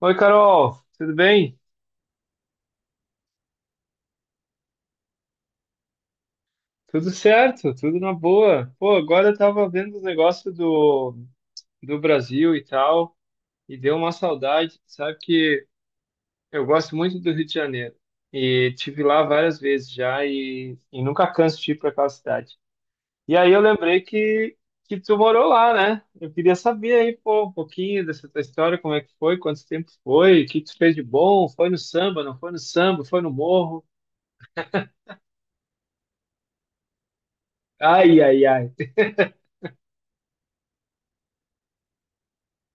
Oi, Carol, tudo bem? Tudo certo, tudo na boa. Pô, agora eu tava vendo os negócios do Brasil e tal, e deu uma saudade. Sabe que eu gosto muito do Rio de Janeiro, e tive lá várias vezes já, e nunca canso de ir para aquela cidade. E aí eu lembrei que tu morou lá, né? Eu queria saber aí, pô, um pouquinho dessa tua história, como é que foi, quanto tempo foi, o que tu fez de bom, foi no samba, não foi no samba, foi no morro. Ai, ai, ai.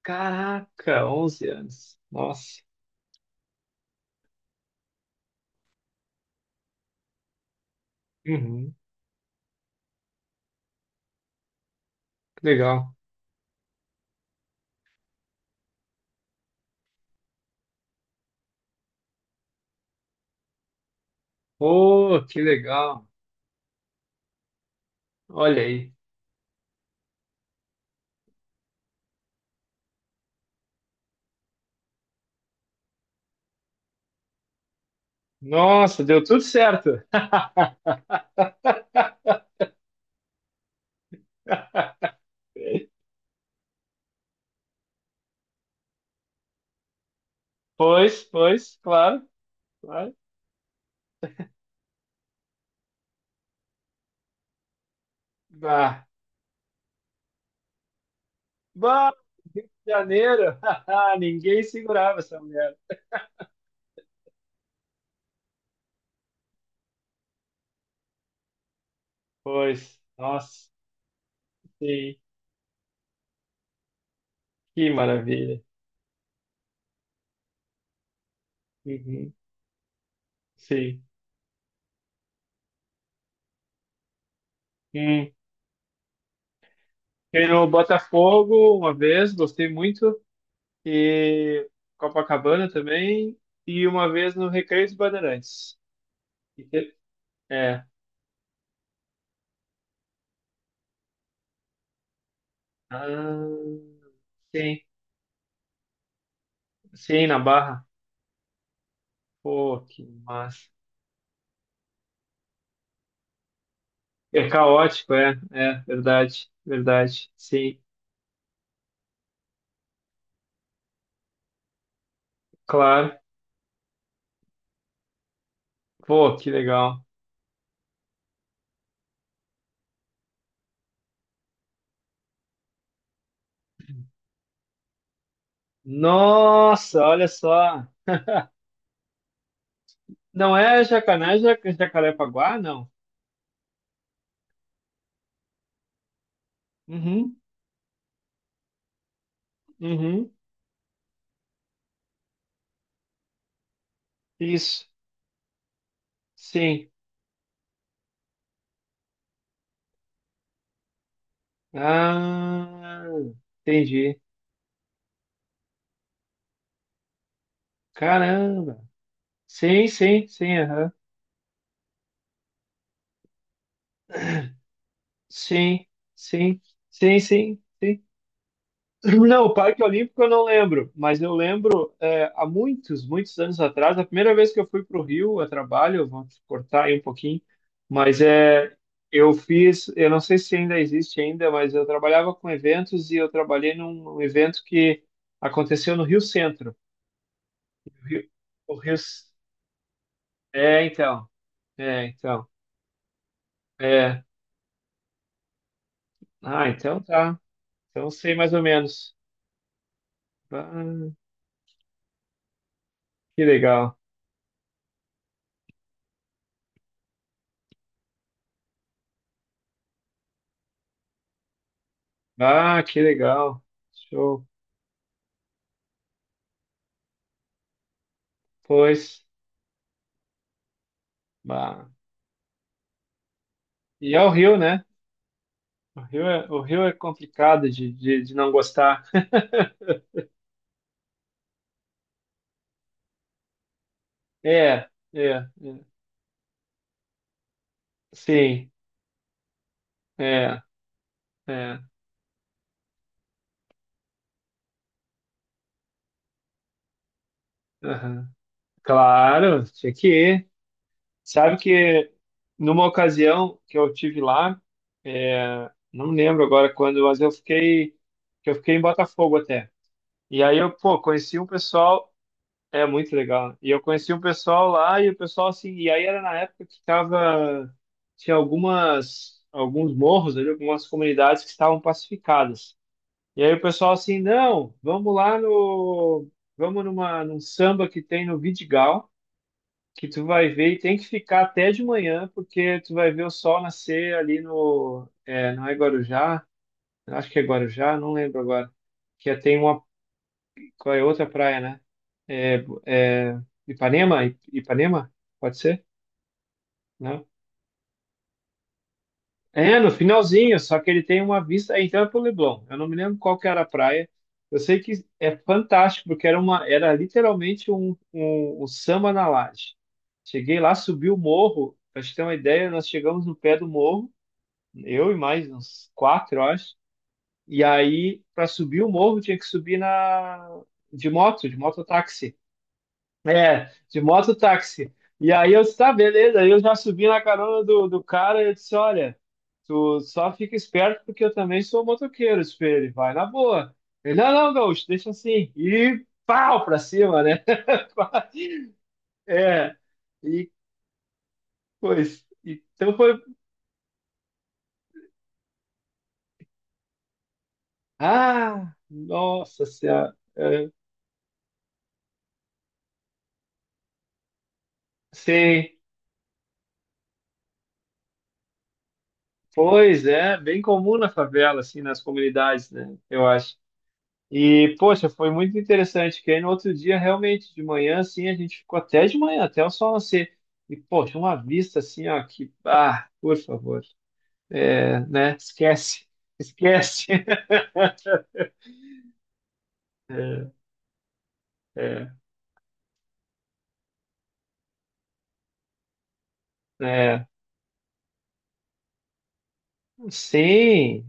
Caraca, 11 anos. Nossa. Uhum, que legal. Oh, que legal. Olha aí. Nossa, deu tudo certo. Pois, pois, claro, claro. Bah, bah, Rio de Janeiro. Ninguém segurava essa mulher. Pois, nossa, sim, que maravilha. Uhum, sim. Hum. Fui no Botafogo uma vez, gostei muito. E Copacabana também, e uma vez no Recreio dos Bandeirantes. E te- É. Ah, sim, sim, na Barra. Pô, que massa. É caótico, é, é, verdade, verdade. Sim, claro. Pô, que legal. Nossa, olha só. Não é Jacané, é Jacarepaguá, não. Uhum, uhum, isso, sim. Ah, entendi. Caramba. Sim, sim, sim, aham. Sim, sim, sim, sim, sim. Não, o Parque Olímpico eu não lembro, mas eu lembro é, há muitos, muitos anos atrás, a primeira vez que eu fui para o Rio a trabalho, eu vou te cortar aí um pouquinho, mas é, eu fiz, eu não sei se ainda existe ainda, mas eu trabalhava com eventos e eu trabalhei num evento que aconteceu no Rio Centro. O Rio, o Rio, é, então, é, então, é. Ah, então tá, então sei mais ou menos. Ah, que legal. Ah, que legal. Show. Pois. Bah. E é o Rio, né? O Rio é complicado de, de não gostar. É, é, é. Sim, é, é. Aham. Claro, tinha que ir. Sabe que numa ocasião que eu tive lá, é, não lembro agora quando, mas eu fiquei, que eu fiquei em Botafogo até. E aí eu, pô, conheci um pessoal. É muito legal. E eu conheci um pessoal lá e o pessoal assim, e aí era na época que tava, tinha algumas, alguns morros ali, algumas comunidades que estavam pacificadas. E aí o pessoal assim, não, vamos lá no, vamos numa, num samba que tem no Vidigal, que tu vai ver e tem que ficar até de manhã, porque tu vai ver o sol nascer ali no, é, não é Guarujá, acho que é Guarujá, não lembro agora, que é- tem uma qual é a outra praia, né? É, é Ipanema? Ipanema? Pode ser? Não? É, no finalzinho, só que ele tem uma vista. Então é pro Leblon. Eu não me lembro qual que era a praia. Eu sei que é fantástico, porque era uma, era literalmente um, um, um samba na laje. Cheguei lá, subi o morro. Pra gente ter uma ideia, nós chegamos no pé do morro, eu e mais uns quatro, eu acho. E aí, para subir o morro, tinha que subir na de moto, de mototáxi. É, de mototáxi. E aí eu disse, tá, beleza. Aí eu já subi na carona do cara e eu disse, olha, tu só fica esperto porque eu também sou motoqueiro, espelho, vai na boa. Ele, não, não, gaúcho, deixa assim. E pau pra cima, né? É, e pois, então foi. Ah, nossa senhora. É, sim, pois é, bem comum na favela, assim, nas comunidades, né? Eu acho. E, poxa, foi muito interessante, que aí no outro dia, realmente, de manhã, assim, a gente ficou até de manhã, até o sol nascer. E, poxa, uma vista assim, ó, que, ah, por favor, é, né, esquece, esquece. É, é, é. Sim,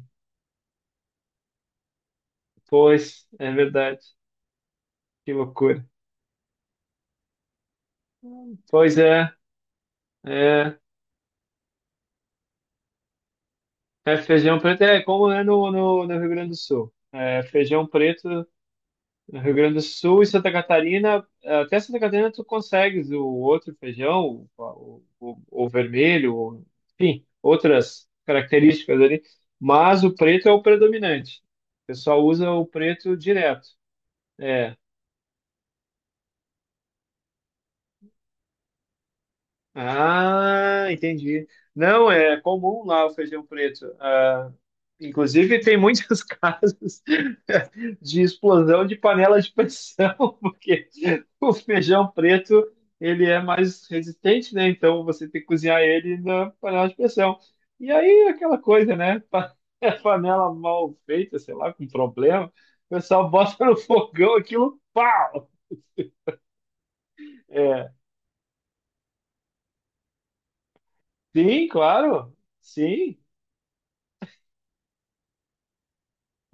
pois, é verdade, que loucura. Pois é, é, é feijão preto, é como é no, Rio Grande do Sul. É, feijão preto. No Rio Grande do Sul e Santa Catarina, até Santa Catarina tu consegues o outro feijão, o vermelho, o- enfim, outras características ali, mas o preto é o predominante. O pessoal usa o preto direto. É, ah, entendi. Não, é comum lá o feijão preto. Ah, inclusive, tem muitos casos de explosão de panela de pressão, porque o feijão preto ele é mais resistente, né? Então você tem que cozinhar ele na panela de pressão. E aí aquela coisa, né? Panela mal feita, sei lá, com problema. O pessoal bota no fogão aquilo, pau! É, sim, claro, sim.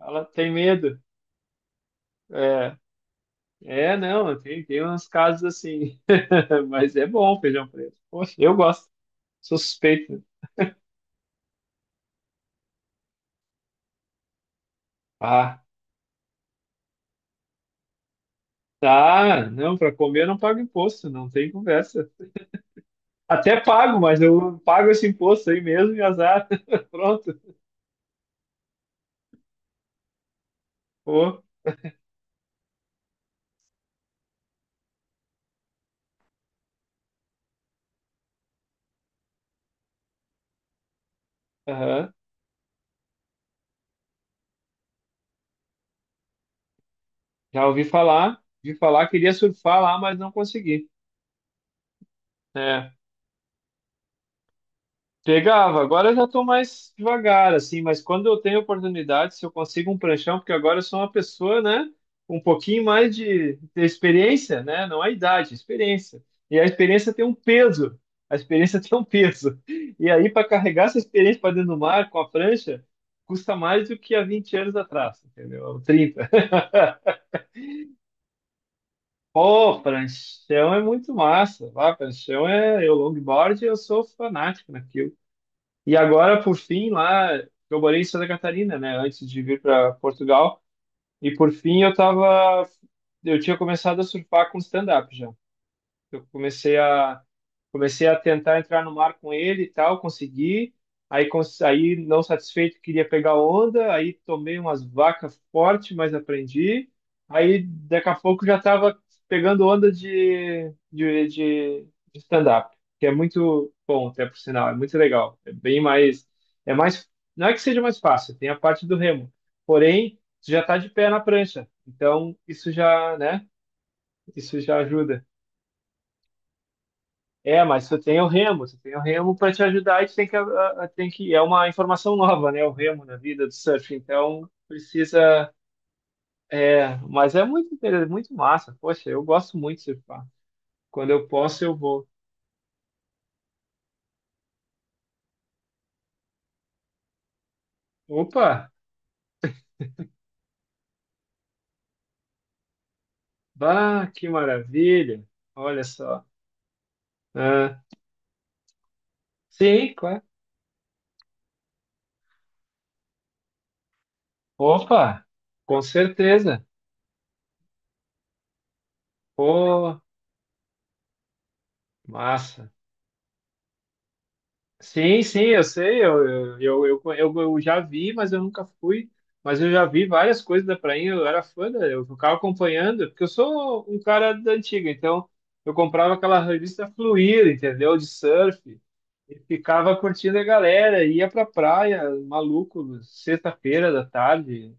Ela tem medo. É, é, não, tem, tem uns casos assim, mas é bom o feijão preto. Poxa, eu gosto, sou suspeito. Ah, tá, não, para comer eu não pago imposto, não tem conversa. Até pago, mas eu pago esse imposto aí mesmo e azar. Pronto. Pô, aham. Já ouvi falar, queria surfar lá, mas não consegui. É, pegava, agora eu já estou mais devagar, assim, mas quando eu tenho oportunidade, se eu consigo um pranchão, porque agora eu sou uma pessoa, né, com um pouquinho mais de experiência, né, não a idade, a experiência. E a experiência tem um peso, a experiência tem um peso. E aí, para carregar essa experiência para dentro do mar com a prancha, custa mais do que há 20 anos atrás, entendeu? Ou 30. Pô, pranchão é muito massa, lá pranchão é, eu longboard, eu sou fanático naquilo. E agora, por fim, lá, eu morei em Santa Catarina, né, antes de vir para Portugal. E por fim, eu tava, eu tinha começado a surfar com stand-up já. Eu comecei a comecei a tentar entrar no mar com ele e tal, consegui. Aí, aí não satisfeito, queria pegar onda, aí tomei umas vacas fortes, mas aprendi. Aí daqui a pouco já estava pegando onda de, stand-up, que é muito bom, até por sinal, é muito legal. É bem mais, é mais, não é que seja mais fácil, tem a parte do remo. Porém, você já está de pé na prancha, então isso já, né? Isso já ajuda. É, mas você tem o Remo, você tem o Remo para te ajudar e você tem que, tem que. É uma informação nova, né? O Remo na vida do surf. Então, precisa. É, mas é muito interessante, muito massa. Poxa, eu gosto muito de surfar. Quando eu posso, eu vou. Opa! Bah, que maravilha! Olha só. Ah, sim, claro. Opa! Com certeza. Pô, massa. Sim, sim, eu sei, eu, eu já vi, mas eu nunca fui. Mas eu já vi várias coisas da prainha, eu era fã, eu ficava acompanhando, porque eu sou um cara da antiga, então eu comprava aquela revista Fluir, entendeu? De surf, e ficava curtindo a galera, ia pra praia, maluco, sexta-feira da tarde,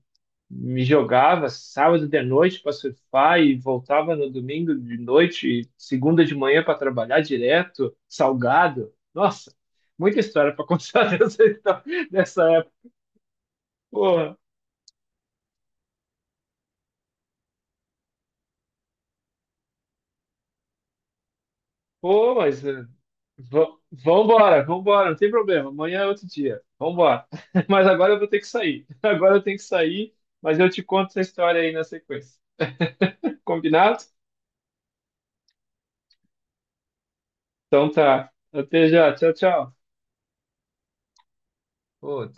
me jogava sábado de noite para surfar e voltava no domingo de noite, e segunda de manhã para trabalhar direto, salgado. Nossa, muita história para contar dessa, dessa época. Pô, pô, mas eh, vambora, vambora, não tem problema. Amanhã é outro dia. Vambora. Mas agora eu vou ter que sair. Agora eu tenho que sair, mas eu te conto essa história aí na sequência. Combinado? Então tá. Até já. Tchau, tchau. Pô,